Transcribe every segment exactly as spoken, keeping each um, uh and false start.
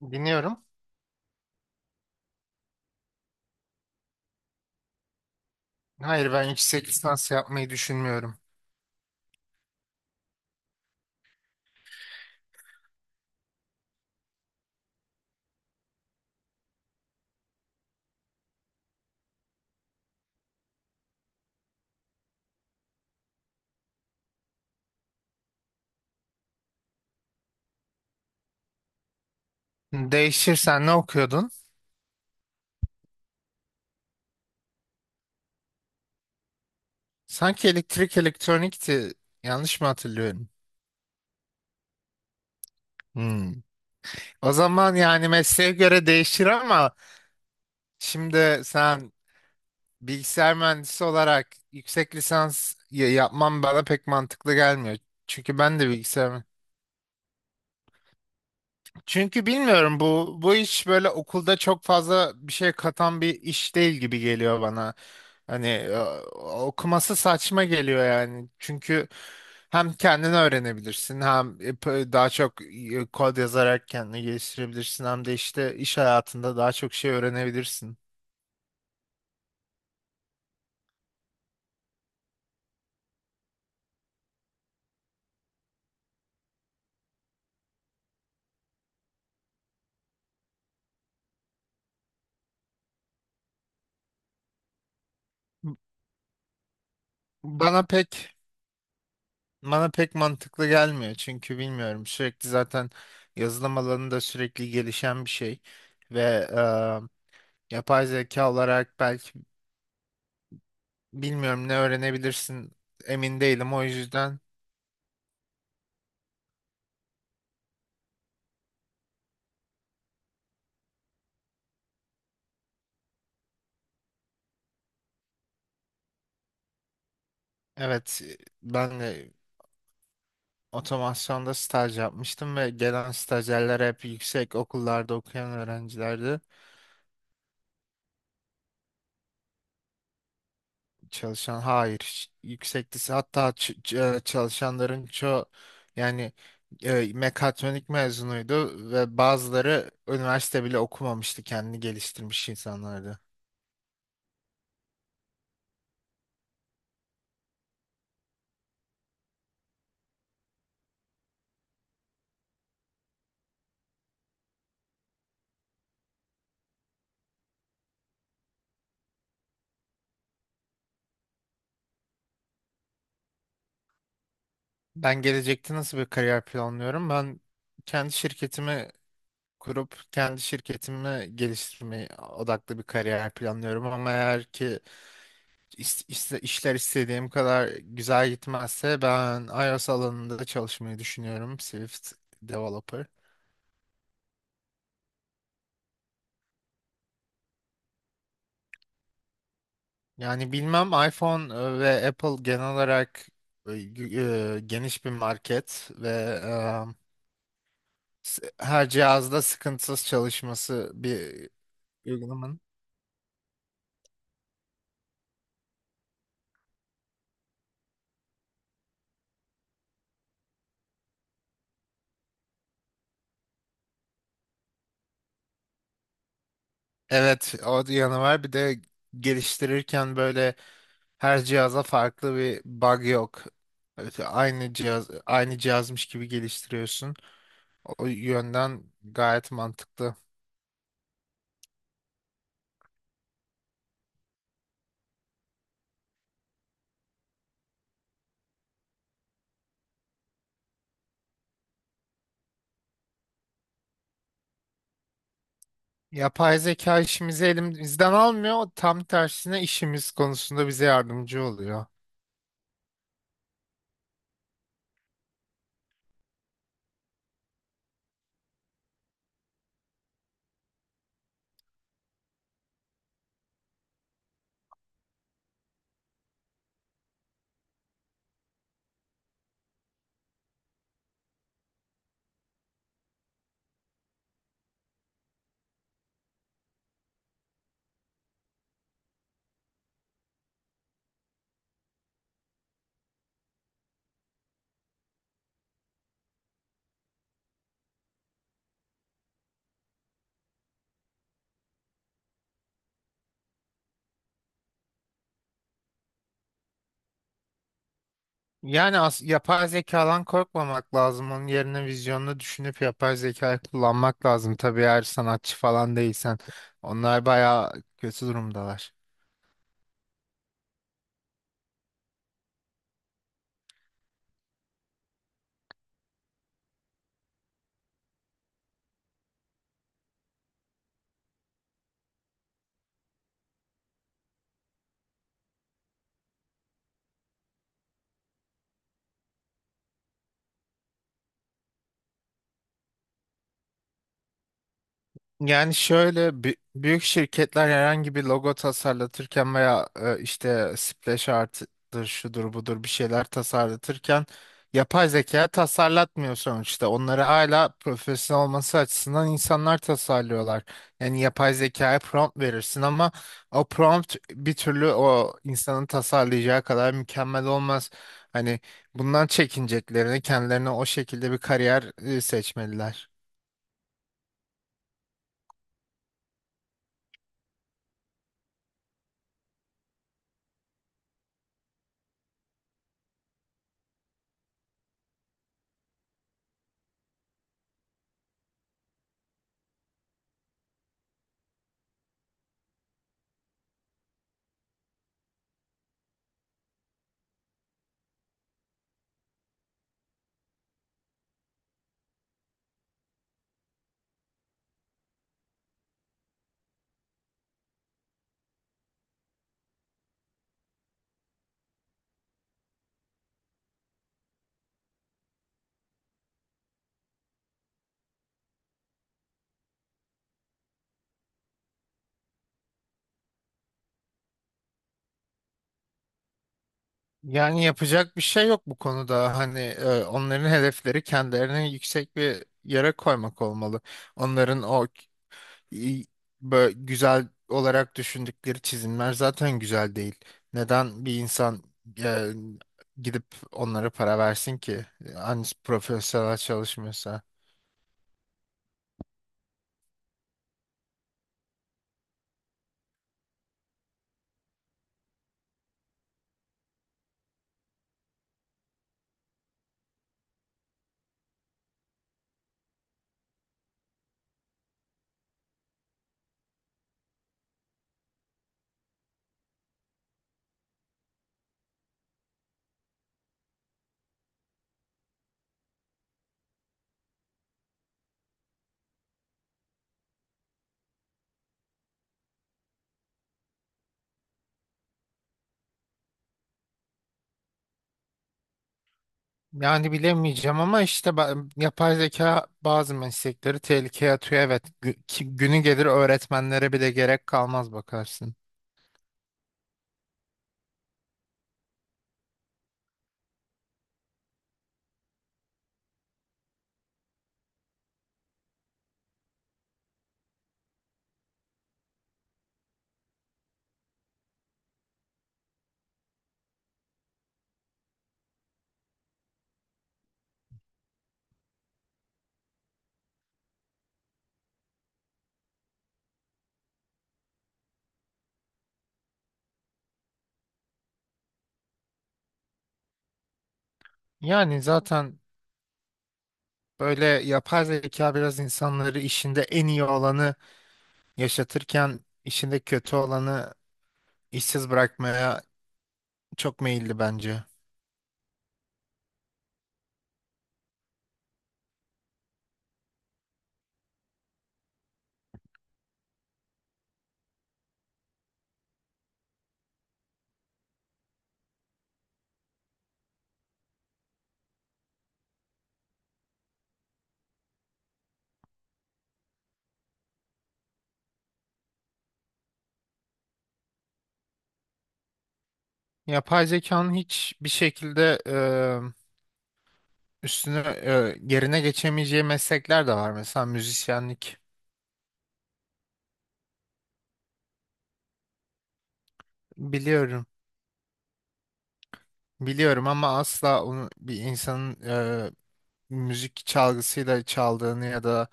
Dinliyorum. Hayır, ben yüksek lisans yapmayı düşünmüyorum. Değişirsen ne okuyordun? Sanki elektrik elektronikti. Yanlış mı hatırlıyorum? Hmm. O zaman yani mesleğe göre değişir ama şimdi sen bilgisayar mühendisi olarak yüksek lisans ya- yapman bana pek mantıklı gelmiyor. Çünkü ben de bilgisayar. Çünkü bilmiyorum, bu bu iş böyle okulda çok fazla bir şey katan bir iş değil gibi geliyor bana. Hani e, okuması saçma geliyor yani. Çünkü hem kendini öğrenebilirsin, hem e, p- daha çok e, kod yazarak kendini geliştirebilirsin, hem de işte iş hayatında daha çok şey öğrenebilirsin. Bana pek Bana pek mantıklı gelmiyor çünkü bilmiyorum, sürekli zaten yazılım alanı da sürekli gelişen bir şey ve e, yapay zeka olarak belki, bilmiyorum, ne öğrenebilirsin emin değilim, o yüzden evet. Ben de otomasyonda staj yapmıştım ve gelen stajyerler hep yüksek okullarda okuyan öğrencilerdi. Çalışan hayır, hiç yüksek lis- hatta ç- ç- e, çalışanların çoğu yani e, mekatronik mezunuydu ve bazıları üniversite bile okumamıştı, kendini geliştirmiş insanlardı. Ben gelecekte nasıl bir kariyer planlıyorum? Ben kendi şirketimi kurup kendi şirketimi geliştirmeye odaklı bir kariyer planlıyorum, ama eğer ki is- is- işler istediğim kadar güzel gitmezse ben iOS alanında çalışmayı düşünüyorum, Swift developer. Yani bilmem, iPhone e, ve Apple genel olarak e, gü- e, geniş bir market ve e, s- her cihazda sıkıntısız çalışması bir uygulamanın. Evet, o yanı var. Bir de geliştirirken böyle her cihaza farklı bir bug yok. Evet, aynı cihaz aynı cihazmış gibi geliştiriyorsun. O yönden gayet mantıklı. Yapay zeka işimizi elimizden almıyor. Tam tersine işimiz konusunda bize yardımcı oluyor. Yani as yapay zekadan korkmamak lazım. Onun yerine vizyonunu düşünüp yapay zekayı kullanmak lazım. Tabii eğer sanatçı falan değilsen. Onlar bayağı kötü durumdalar. Yani şöyle, bü- büyük şirketler herhangi bir logo tasarlatırken veya e, işte splash art'dır şudur budur bir şeyler tasarlatırken yapay zeka tasarlatmıyor sonuçta. Onları hala profesyonel olması açısından insanlar tasarlıyorlar. Yani yapay zekaya prompt verirsin ama o prompt bir türlü o insanın tasarlayacağı kadar mükemmel olmaz. Hani bundan çekineceklerini kendilerine o şekilde bir kariyer e, seçmeliler. Yani yapacak bir şey yok bu konuda. Hani e, onların hedefleri kendilerini yüksek bir yere koymak olmalı. Onların o i- bö- güzel olarak düşündükleri çizimler zaten güzel değil. Neden bir insan e, gidip onlara para versin ki? Hani profesyonel çalışmıyorsa. Yani bilemeyeceğim ama işte ben- yapay zeka bazı meslekleri tehlikeye atıyor. Evet, gü- ki- günü gelir öğretmenlere bile gerek kalmaz bakarsın. Yani zaten böyle yapay zeka biraz insanları işinde en iyi olanı yaşatırken işinde kötü olanı işsiz bırakmaya çok meyilli bence. Yapay zekanın hiç bir şekilde e, üstüne e, yerine geçemeyeceği meslekler de var. Mesela müzisyenlik. Biliyorum. Biliyorum ama asla onu bir insanın e, müzik çalgısıyla çaldığını ya da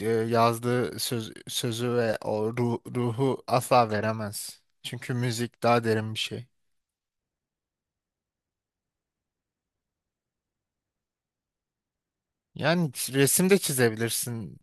e, yazdığı söz, sözü ve o ru- ruhu asla veremez. Çünkü müzik daha derin bir şey. Yani resim de çizebilirsin.